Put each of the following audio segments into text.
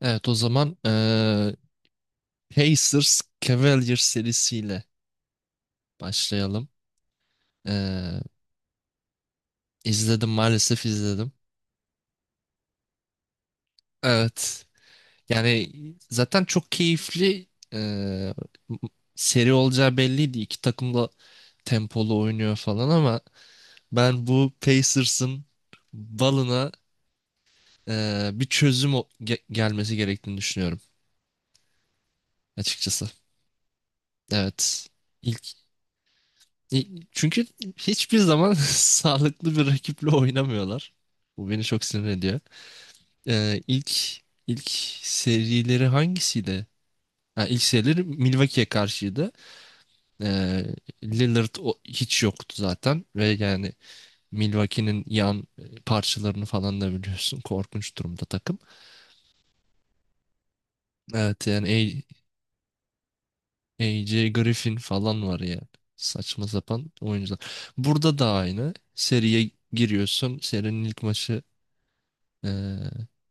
Evet, o zaman Pacers Cavaliers serisiyle başlayalım. Eee izledim maalesef izledim. Evet, yani zaten çok keyifli eee, seri olacağı belliydi. İki takım da tempolu oynuyor falan ama ben bu Pacers'ın balına bir çözüm gelmesi gerektiğini düşünüyorum açıkçası. Evet. İlk E, çünkü hiçbir zaman sağlıklı bir rakiple oynamıyorlar. Bu beni çok sinir ediyor. İlk ilk serileri hangisiydi? Ha, ilk serileri Milwaukee'ye karşıydı. Ee, Lillard hiç yoktu zaten ve yani Milwaukee'nin yan parçalarını falan da biliyorsun. Korkunç durumda takım. Evet, yani AJ Griffin falan var yani. Saçma sapan oyuncular. Burada da aynı. Seriye giriyorsun. Serinin ilk maçı, Ee,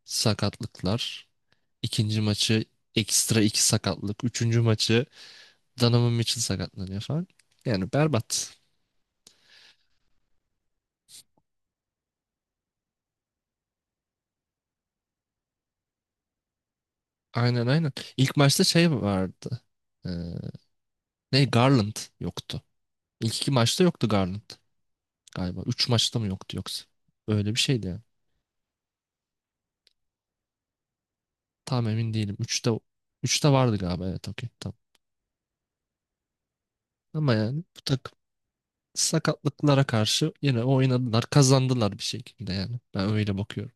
sakatlıklar. İkinci maçı ekstra iki sakatlık. Üçüncü maçı Donovan Mitchell sakatlanıyor falan. Yani berbat. Aynen, aynen. İlk maçta şey vardı. Ee, ne Garland yoktu. İlk iki maçta yoktu Garland galiba. Üç maçta mı yoktu yoksa? Öyle bir şeydi yani. Tam emin değilim. Üçte vardı galiba, evet, okey, tamam. Ama yani bu takım sakatlıklara karşı yine oynadılar, kazandılar bir şekilde yani. Ben öyle bakıyorum.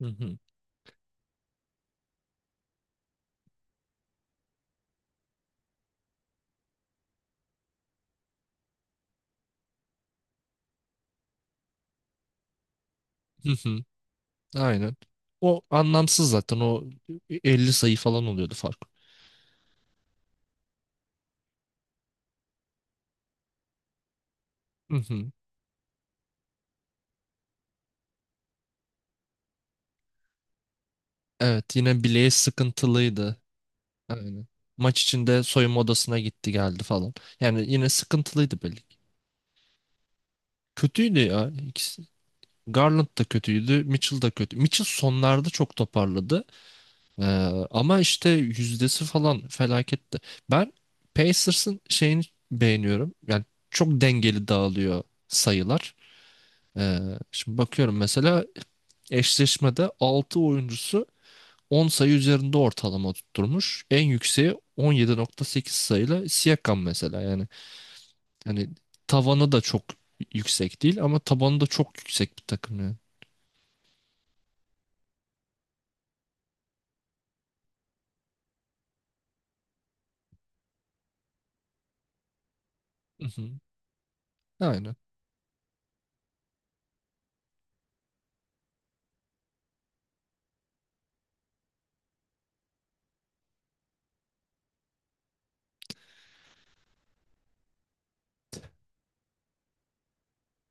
Hı hı. Hı hı. Aynen. O anlamsız zaten. O 50 sayı falan oluyordu fark. Hı hı. Evet, yine bileği sıkıntılıydı. Aynen. Maç içinde soyunma odasına gitti, geldi falan. Yani yine sıkıntılıydı belli ki. Kötüydü ya ikisi. Garland da kötüydü. Mitchell da kötü. Mitchell sonlarda çok toparladı. Ee, Ama işte yüzdesi falan felaketti. Ben Pacers'ın şeyini beğeniyorum. Yani çok dengeli dağılıyor sayılar. Ee, Şimdi bakıyorum mesela, eşleşmede 6 oyuncusu 10 sayı üzerinde ortalama tutturmuş. En yükseği 17.8 sayıyla Siakam mesela yani. Yani tavanı da çok yüksek değil ama tabanı da çok yüksek bir takım yani. Hı hı. Aynen.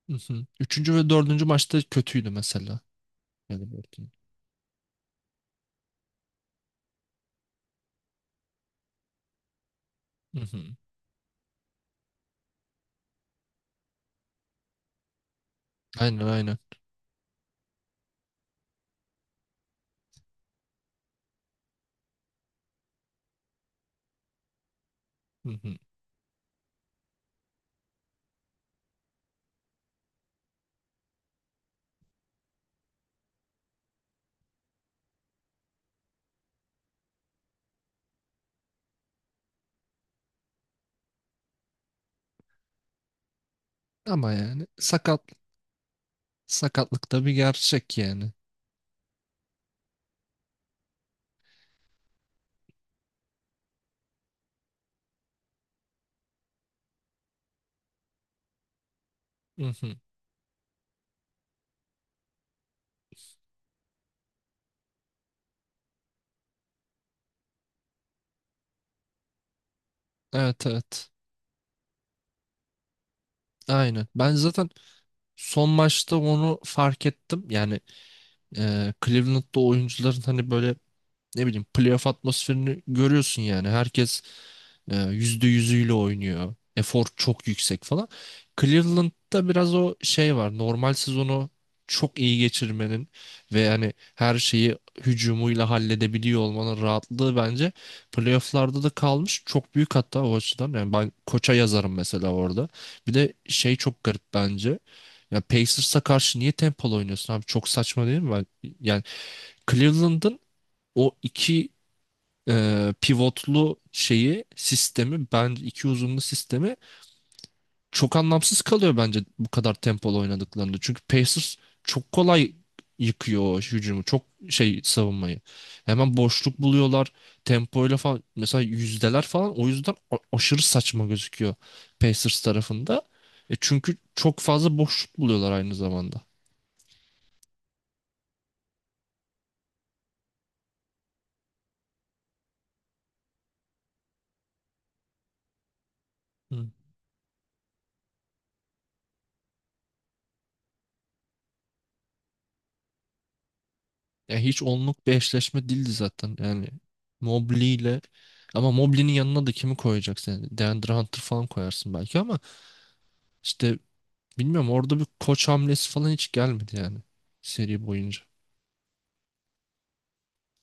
Hı hı. Üçüncü ve dördüncü maçta kötüydü mesela. Yani böyle. Hı hı. Aynen, aynen. Hı hı. Ama yani sakatlık da bir gerçek yani. Hı hı. Evet, evet. Aynen. Ben zaten son maçta onu fark ettim. Yani Cleveland'da oyuncuların hani böyle ne bileyim playoff atmosferini görüyorsun yani. Herkes %100'üyle oynuyor. Efor çok yüksek falan. Cleveland'da biraz o şey var. Normal sezonu çok iyi geçirmenin ve yani her şeyi hücumuyla halledebiliyor olmanın rahatlığı bence playoff'larda da kalmış. Çok büyük hatta o açıdan. Yani ben koça yazarım mesela orada. Bir de şey çok garip bence. Ya Pacers'a karşı niye tempolu oynuyorsun abi? Çok saçma değil mi? Yani Cleveland'ın o iki pivotlu şeyi sistemi, ben iki uzunlu sistemi çok anlamsız kalıyor bence bu kadar tempolu oynadıklarında. Çünkü Pacers çok kolay yıkıyor o hücumu. Çok şey savunmayı. Hemen boşluk buluyorlar. Tempoyla falan mesela yüzdeler falan o yüzden aşırı saçma gözüküyor Pacers tarafında. E, çünkü çok fazla boşluk buluyorlar aynı zamanda. Hı. Ya hiç onluk bir eşleşme değildi zaten. Yani Mobley ile, ama Mobley'nin yanına da kimi koyacaksın? Yani DeAndre Hunter falan koyarsın belki ama işte bilmiyorum, orada bir koç hamlesi falan hiç gelmedi yani seri boyunca.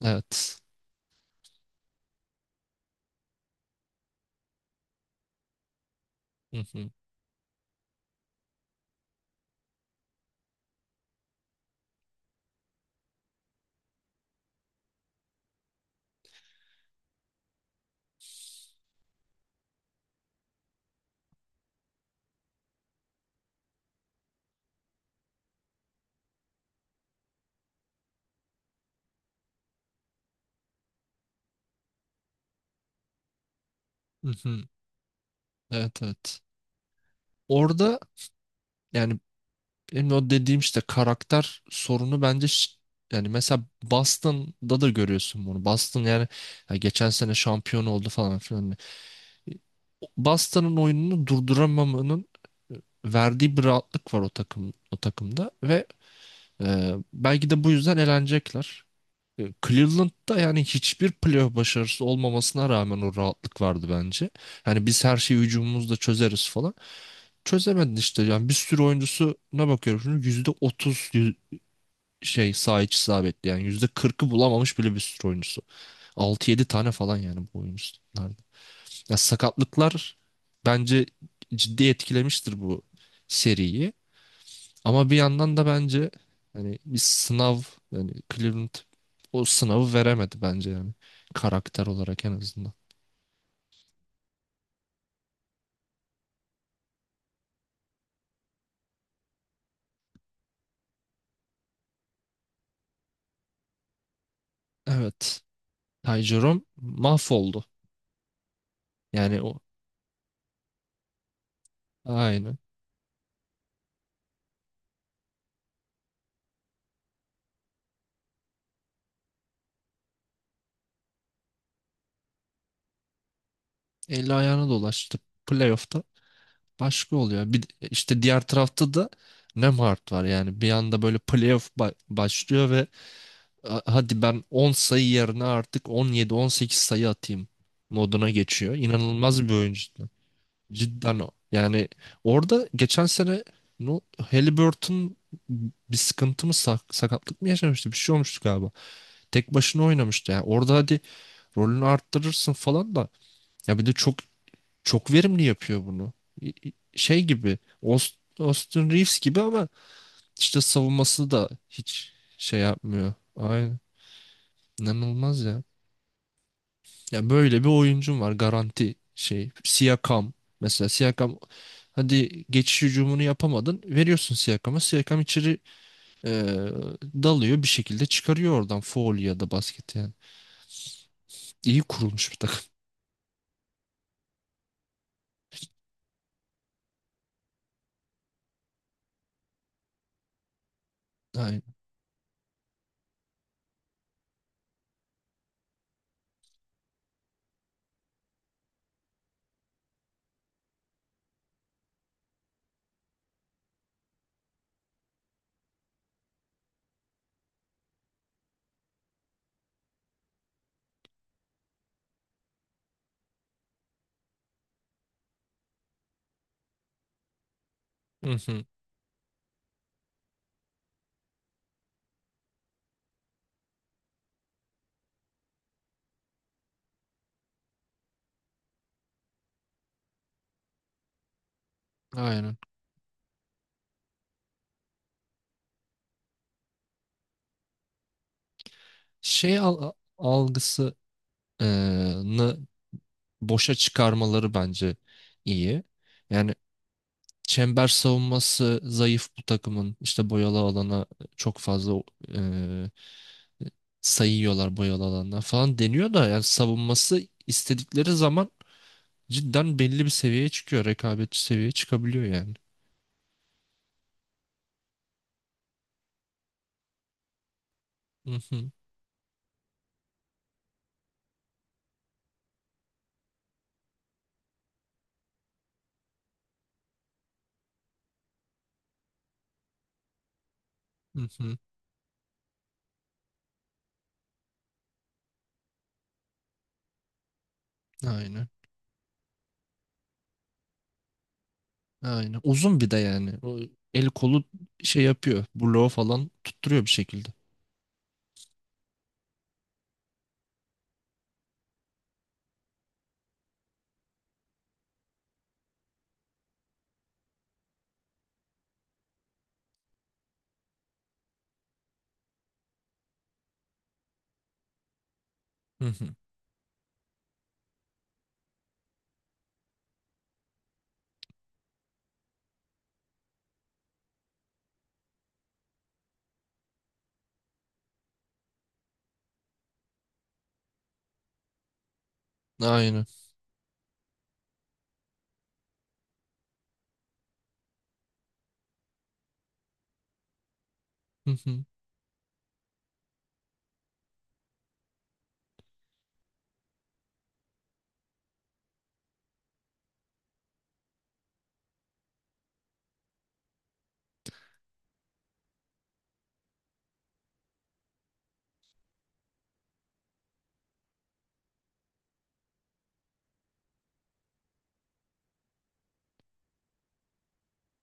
Evet. Hı hı. Hı hı. Evet, evet. Orada yani benim o dediğim işte karakter sorunu bence, yani mesela Boston'da da görüyorsun bunu. Boston yani ya geçen sene şampiyon oldu falan filan. Boston'ın oyununu durduramamanın e, verdiği bir rahatlık var o takımda ve belki de bu yüzden elenecekler. Cleveland'da yani hiçbir playoff başarısı olmamasına rağmen o rahatlık vardı bence. Yani biz her şeyi hücumumuzla çözeriz falan. Çözemedin işte. Yani bir sürü oyuncusuna bakıyorum şimdi %30 şey, sağ iç isabetli yani %40'ı bulamamış bile bir sürü oyuncusu. Altı yedi tane falan yani bu oyuncularda. Ya sakatlıklar bence ciddi etkilemiştir bu seriyi. Ama bir yandan da bence hani bir sınav, yani Cleveland o sınavı veremedi bence yani karakter olarak en azından. Evet. Ty Jerome mahvoldu. Yani o aynı. Eli ayağına dolaştı playoff'ta. Başka oluyor. İşte diğer tarafta da Nemhard var. Yani bir anda böyle playoff başlıyor ve Hadi ben 10 sayı yerine artık 17-18 sayı atayım" moduna geçiyor. İnanılmaz bir oyuncu. Cidden o. Yani orada geçen sene, no, Haliburton bir sıkıntı mı sakatlık mı yaşamıştı? Bir şey olmuştu galiba. Tek başına oynamıştı. Yani orada hadi rolünü arttırırsın falan da ya bir de çok çok verimli yapıyor bunu. Şey gibi, Austin Reeves gibi ama işte savunması da hiç şey yapmıyor. Aynen. İnanılmaz ya. Ya böyle bir oyuncum var garanti şey. Siakam mesela, Siakam, hadi geçiş hücumunu yapamadın. Veriyorsun Siakam'a. Siakam içeri e, dalıyor, bir şekilde çıkarıyor oradan faul ya da basketi yani. İyi kurulmuş bir takım. Aynen. Hı hı. Aynen. Şey algısını boşa çıkarmaları bence iyi. Yani çember savunması zayıf bu takımın. İşte boyalı alana çok fazla e, sayıyorlar, boyalı alandan falan deniyor da yani savunması istedikleri zaman cidden belli bir seviyeye çıkıyor. Rekabetçi seviyeye çıkabiliyor yani. Hı hı, hı hı. Aynen. Aynen. Uzun bir de yani. O el kolu şey yapıyor. Bloğu falan tutturuyor bir şekilde. Hı hı. Aynen. Hı hı,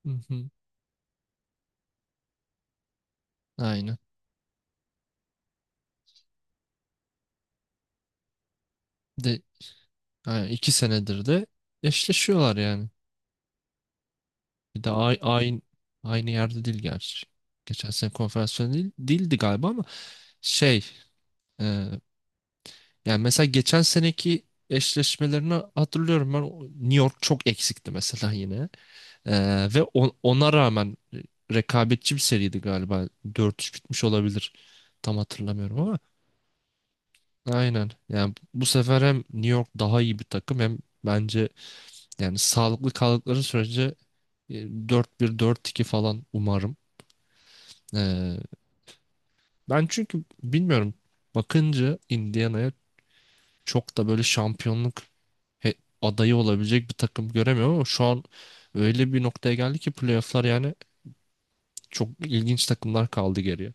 hı hı. Aynen. De Yani 2 senedir de eşleşiyorlar yani. Bir de aynı yerde değil gerçi. Geçen sene konferansiyon değil, değildi galiba ama şey e, yani mesela geçen seneki eşleşmelerini hatırlıyorum ben, New York çok eksikti mesela yine. E, Ve ona rağmen rekabetçi bir seriydi galiba. 4-3 bitmiş olabilir. Tam hatırlamıyorum ama aynen. Yani bu sefer hem New York daha iyi bir takım hem bence, yani sağlıklı kaldıkları sürece e, 4-1, 4-2 falan umarım. Ee, Ben çünkü bilmiyorum, bakınca Indiana'ya çok da böyle şampiyonluk he- adayı olabilecek bir takım göremiyorum ama şu an öyle bir noktaya geldi ki playoff'lar yani çok ilginç takımlar kaldı geriye.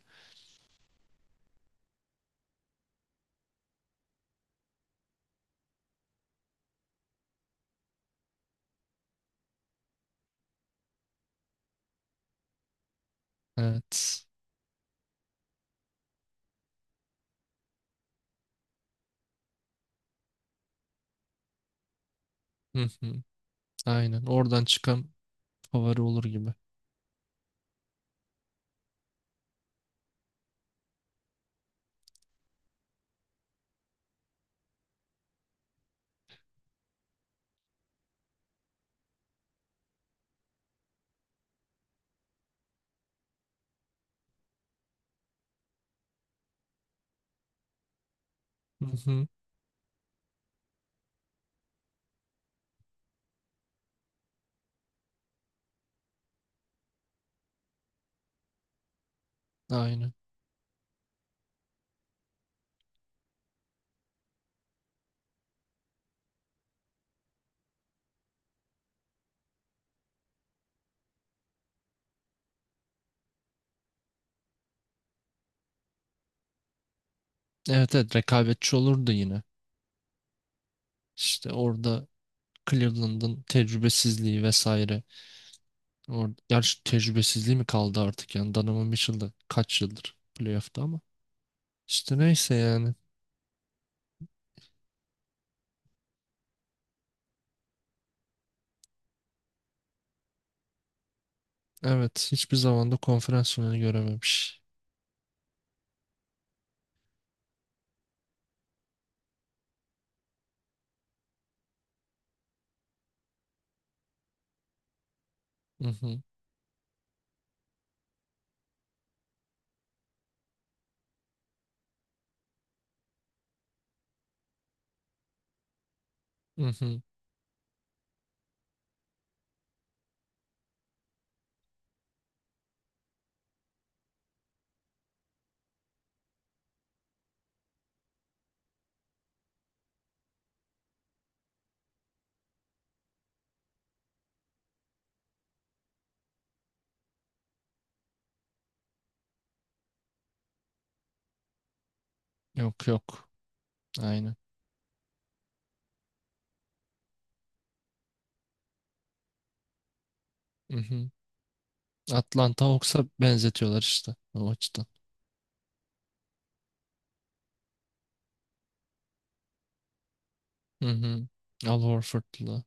Evet. Hı hı. Aynen. Oradan çıkan favori olur gibi. Hı hı. Aynen. Evet, evet, rekabetçi olurdu yine. İşte orada Cleveland'ın tecrübesizliği vesaire. Gerçi tecrübesizliği mi kaldı artık yani Donovan Mitchell da kaç yıldır playoff'ta ama. İşte neyse yani. Evet, hiçbir zaman da konferans finali görememiş. Hı hı, hı hı. Yok, yok. Aynen. Hı hı. Atlanta Hawks'a benzetiyorlar işte o açıdan. Hı hı. Al Horford'la.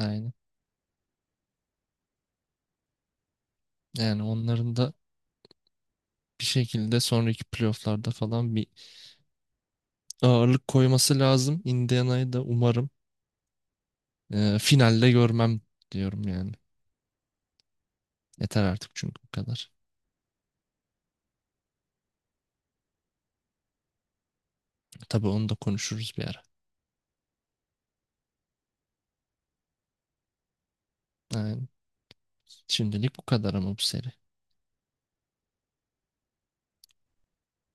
Aynen. Yani onların da bir şekilde sonraki playoff'larda falan bir ağırlık koyması lazım. Indiana'yı da umarım finalde görmem diyorum yani. Yeter artık çünkü bu kadar. Tabii onu da konuşuruz bir ara. Yani şimdilik bu kadar ama bu seri.